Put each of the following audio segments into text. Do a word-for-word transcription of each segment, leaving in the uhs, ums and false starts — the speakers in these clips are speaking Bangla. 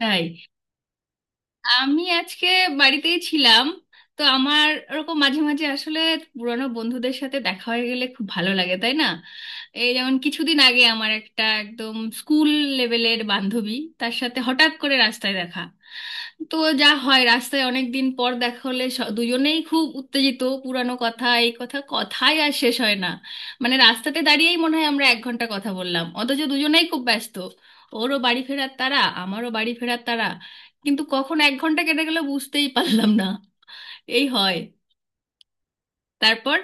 তাই আমি আজকে বাড়িতেই ছিলাম। তো আমার ওরকম মাঝে মাঝে আসলে পুরানো বন্ধুদের সাথে দেখা হয়ে গেলে খুব ভালো লাগে, তাই না? এই যেমন কিছুদিন আগে আমার একটা একদম স্কুল লেভেলের বান্ধবী, তার সাথে হঠাৎ করে রাস্তায় দেখা। তো যা হয়, রাস্তায় অনেক দিন পর দেখা হলে স- দুজনেই খুব উত্তেজিত, পুরানো কথা, এই কথা, কথাই আর শেষ হয় না। মানে রাস্তাতে দাঁড়িয়েই মনে হয় আমরা এক ঘন্টা কথা বললাম, অথচ দুজনেই খুব ব্যস্ত। ওরও বাড়ি ফেরার তাড়া, আমারও বাড়ি ফেরার তাড়া, কিন্তু কখন এক ঘন্টা কেটে গেল বুঝতেই পারলাম না। এই হয়। তারপর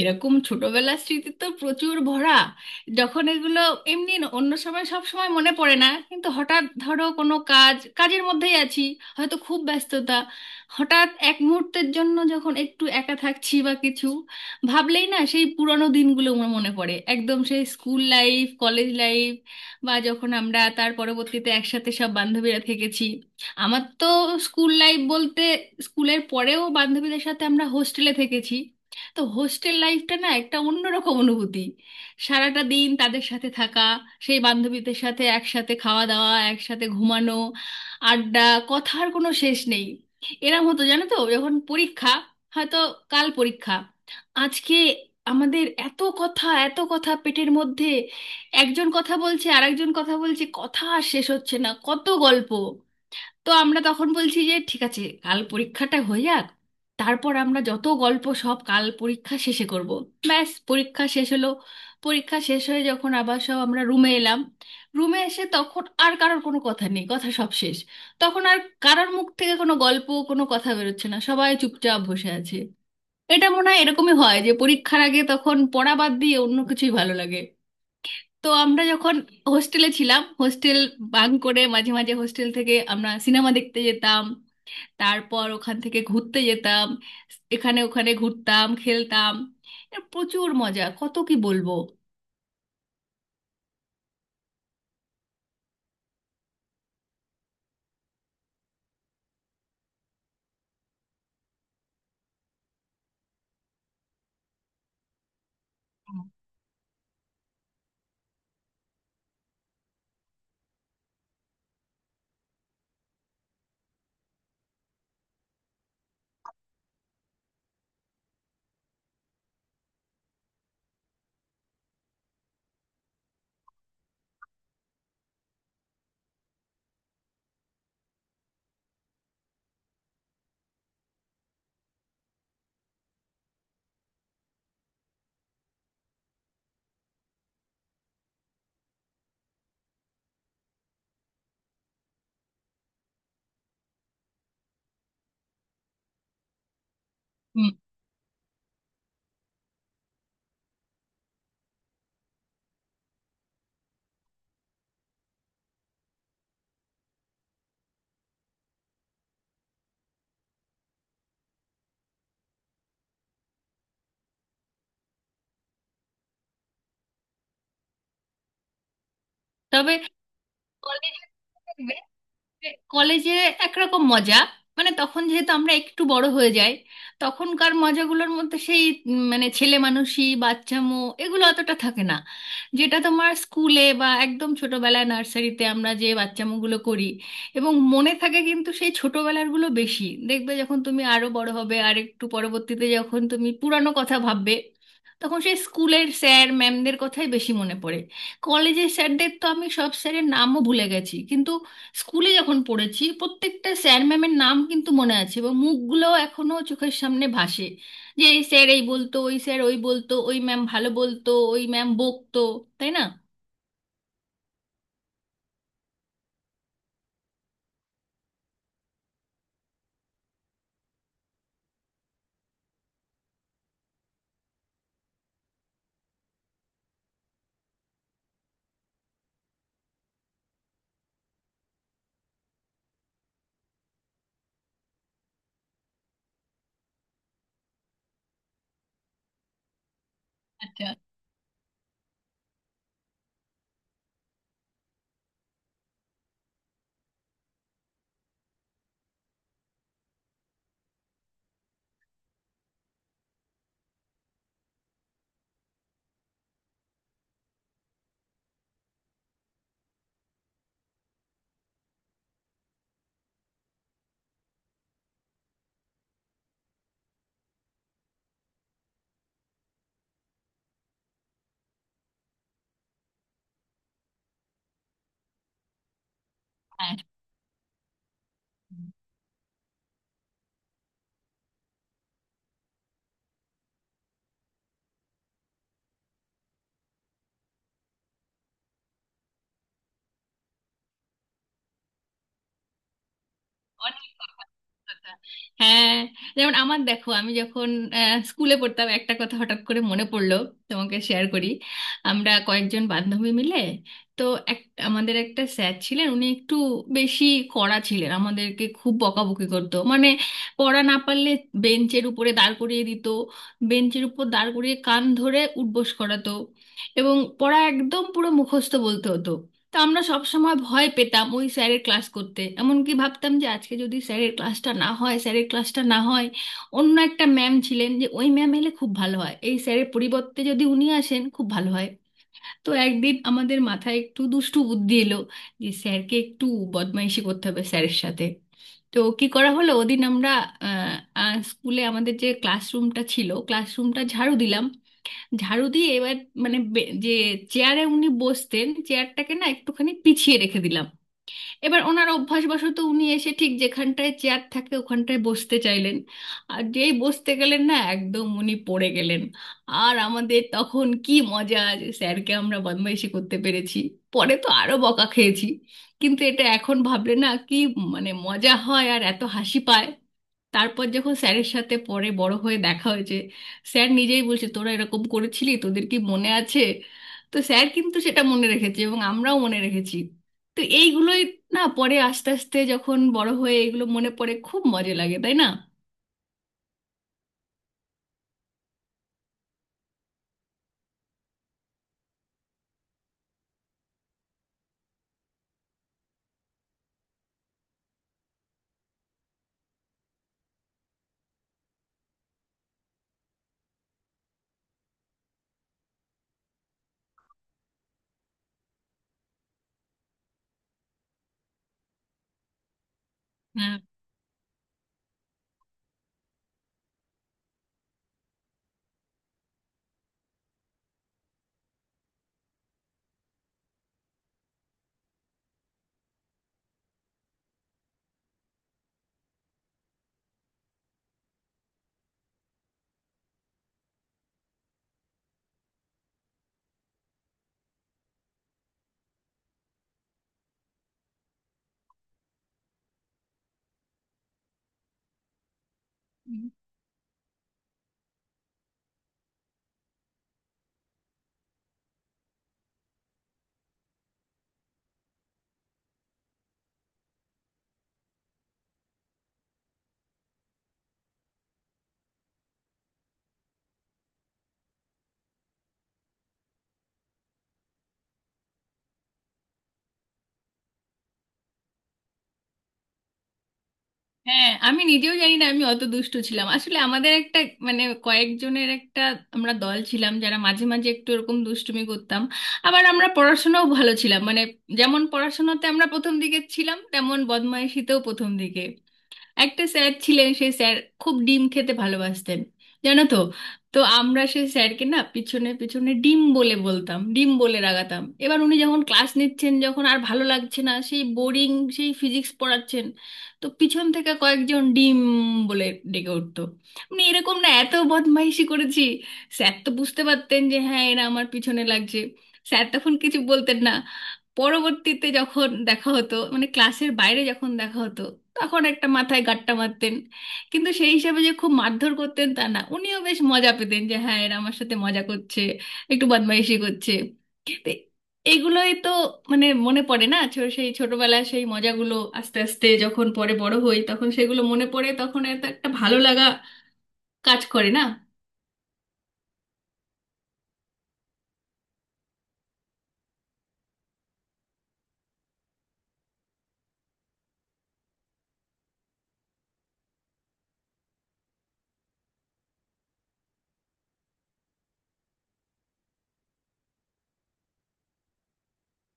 এরকম ছোটবেলার স্মৃতি তো প্রচুর ভরা। যখন এগুলো এমনি ন- অন্য সময় সব সময় মনে পড়ে না, কিন্তু হঠাৎ ধরো কোনো কাজ, কাজের মধ্যেই আছি, হয়তো খুব ব্যস্ততা, হঠাৎ এক মুহূর্তের জন্য যখন একটু একা থাকছি বা কিছু ভাবলেই না সেই পুরনো দিনগুলো আমার মনে পড়ে, একদম সেই স্কুল লাইফ, কলেজ লাইফ, বা যখন আমরা তার পরবর্তীতে একসাথে সব বান্ধবীরা থেকেছি। আমার তো স্কুল লাইফ বলতে, স্কুলের পরেও বান্ধবীদের সাথে আমরা হোস্টেলে থেকেছি। তো হোস্টেল লাইফটা না একটা অন্যরকম অনুভূতি। সারাটা দিন তাদের সাথে থাকা, সেই বান্ধবীদের সাথে একসাথে খাওয়া দাওয়া, একসাথে ঘুমানো, আড্ডা, কথার কোনো শেষ নেই। এরম হতো জানো তো, যখন পরীক্ষা, হয়তো কাল পরীক্ষা আজকে, আমাদের এত কথা, এত কথা পেটের মধ্যে, একজন কথা বলছে আরেকজন কথা বলছে, কথা আর শেষ হচ্ছে না, কত গল্প। তো আমরা তখন বলছি যে ঠিক আছে কাল পরীক্ষাটা হয়ে যাক, তারপর আমরা যত গল্প সব কাল পরীক্ষা শেষে করব। ব্যাস, পরীক্ষা শেষ হলো। পরীক্ষা শেষ হয়ে যখন আবার সব আমরা রুমে এলাম, রুমে এসে তখন আর কারোর কোনো কথা নেই, কথা সব শেষ। তখন আর কারোর মুখ থেকে কোনো গল্প, কোনো কথা বেরোচ্ছে না, সবাই চুপচাপ বসে আছে। এটা মনে হয় এরকমই হয়, যে পরীক্ষার আগে তখন পড়া বাদ দিয়ে অন্য কিছুই ভালো লাগে। তো আমরা যখন হোস্টেলে ছিলাম, হোস্টেল বাঙ্ক করে মাঝে মাঝে হোস্টেল থেকে আমরা সিনেমা দেখতে যেতাম, তারপর ওখান থেকে ঘুরতে যেতাম, এখানে ওখানে ঘুরতাম, খেলতাম। এর প্রচুর মজা, কত কি বলবো। হুম। তবে কলেজ, কলেজে একরকম মজা, মানে তখন যেহেতু আমরা একটু বড় হয়ে যাই, তখনকার মজাগুলোর মধ্যে সেই উম, মানে ছেলে মানুষি বাচ্চামো এগুলো অতটা থাকে না, যেটা তোমার স্কুলে বা একদম ছোটবেলায় নার্সারিতে আমরা যে বাচ্চামোগুলো করি এবং মনে থাকে। কিন্তু সেই ছোটবেলারগুলো বেশি দেখবে যখন তুমি আরো বড় হবে আর একটু পরবর্তীতে যখন তুমি পুরানো কথা ভাববে, তখন সেই স্কুলের স্যার ম্যামদের কথাই বেশি মনে পড়ে। কলেজের স্যারদের তো আমি সব স্যারের নামও ভুলে গেছি, কিন্তু স্কুলে যখন পড়েছি প্রত্যেকটা স্যার ম্যামের নাম কিন্তু মনে আছে, এবং মুখগুলো এখনো চোখের সামনে ভাসে, যে এই স্যার এই বলতো, ওই স্যার ওই বলতো, ওই ম্যাম ভালো বলতো, ওই ম্যাম বকতো, তাই না? আচ্ছা। হ্যাঁ। অনেক কথা। হ্যাঁ, যেমন আমার দেখো, আমি যখন আহ, স্কুলে পড়তাম, একটা কথা হঠাৎ করে মনে পড়লো, তোমাকে শেয়ার করি। আমরা কয়েকজন বান্ধবী মিলে, তো এক, আমাদের একটা স্যার ছিলেন, উনি একটু বেশি কড়া ছিলেন, আমাদেরকে খুব বকাবকি করতো, মানে পড়া না পারলে বেঞ্চের উপরে দাঁড় করিয়ে দিত, বেঞ্চের উপর দাঁড় করিয়ে কান ধরে উঠবোস করাতো, এবং পড়া একদম পুরো মুখস্থ বলতে হতো। তো আমরা সব সময় ভয় পেতাম ওই স্যারের ক্লাস করতে, এমনকি ভাবতাম যে আজকে যদি স্যারের ক্লাসটা না হয় স্যারের ক্লাসটা না হয়, অন্য একটা ম্যাম ছিলেন, যে ওই ম্যাম এলে খুব ভালো হয়, এই স্যারের পরিবর্তে যদি উনি আসেন খুব ভালো হয়। তো একদিন আমাদের মাথায় একটু দুষ্টু বুদ্ধি এলো, যে স্যারকে একটু বদমাইশি করতে হবে, স্যারের সাথে। তো কি করা হলো, ওদিন আমরা আহ, আহ, স্কুলে আমাদের যে ক্লাসরুমটা ছিল ক্লাসরুমটা ঝাড়ু দিলাম, ঝাড়ু দিয়ে এবার মানে বে- যে চেয়ারে উনি বসতেন চেয়ারটাকে না একটুখানি পিছিয়ে রেখে দিলাম। এবার ওনার অভ্যাসবশত উনি এসে ঠিক যেখানটায় চেয়ার থাকে ওখানটায় বসতে চাইলেন, আর যেই বসতে গেলেন না একদম উনি পড়ে গেলেন। আর আমাদের তখন কি মজা, যে স্যারকে আমরা বদমাইশি করতে পেরেছি। পরে তো আরো বকা খেয়েছি, কিন্তু এটা এখন ভাবলে না কি মানে মজা হয় আর এত হাসি পায়। তারপর যখন স্যারের সাথে পরে বড় হয়ে দেখা হয়েছে, স্যার নিজেই বলছে তোরা এরকম করেছিলি, তোদের কি মনে আছে? তো স্যার কিন্তু সেটা মনে রেখেছে এবং আমরাও মনে রেখেছি। তো এইগুলোই না, পরে আস্তে আস্তে যখন বড় হয়ে এগুলো মনে পড়ে খুব মজা লাগে, তাই না? হ্যাঁ। হ্যাঁ আমি নিজেও জানি না আমি অত দুষ্টু ছিলাম। আসলে আমাদের একটা, মানে কয়েকজনের একটা, আমরা দল ছিলাম, যারা মাঝে মাঝে একটু এরকম দুষ্টুমি করতাম। আবার আমরা পড়াশোনাও ভালো ছিলাম, মানে যেমন পড়াশোনাতে আমরা প্রথম দিকে ছিলাম, তেমন বদমাইশিতেও প্রথম দিকে। একটা স্যার ছিলেন, সেই স্যার খুব ডিম খেতে ভালোবাসতেন, জানো তো। তো আমরা সেই স্যারকে না পিছনে পিছনে ডিম বলে বলতাম, ডিম বলে রাগাতাম। এবার উনি যখন ক্লাস নিচ্ছেন, যখন আর ভালো লাগছে না, সেই বোরিং সেই ফিজিক্স পড়াচ্ছেন, তো পিছন থেকে কয়েকজন ডিম বলে ডেকে উঠতো। মানে এরকম না এত বদমাইশি করেছি। স্যার তো বুঝতে পারতেন যে হ্যাঁ এরা আমার পিছনে লাগছে, স্যার তখন কিছু বলতেন না। পরবর্তীতে যখন দেখা হতো, মানে ক্লাসের বাইরে যখন দেখা হতো, তখন একটা মাথায় গাট্টা মারতেন। কিন্তু সেই হিসাবে যে খুব মারধর করতেন তা না, উনিও বেশ মজা পেতেন যে হ্যাঁ এরা আমার সাথে মজা করছে, একটু বদমাইশি করছে। তো এগুলোই তো, মানে মনে পড়ে না ছো- সেই ছোটবেলার সেই মজাগুলো আস্তে আস্তে যখন পরে বড় হই তখন সেগুলো মনে পড়ে, তখন এত একটা ভালো লাগা কাজ করে না।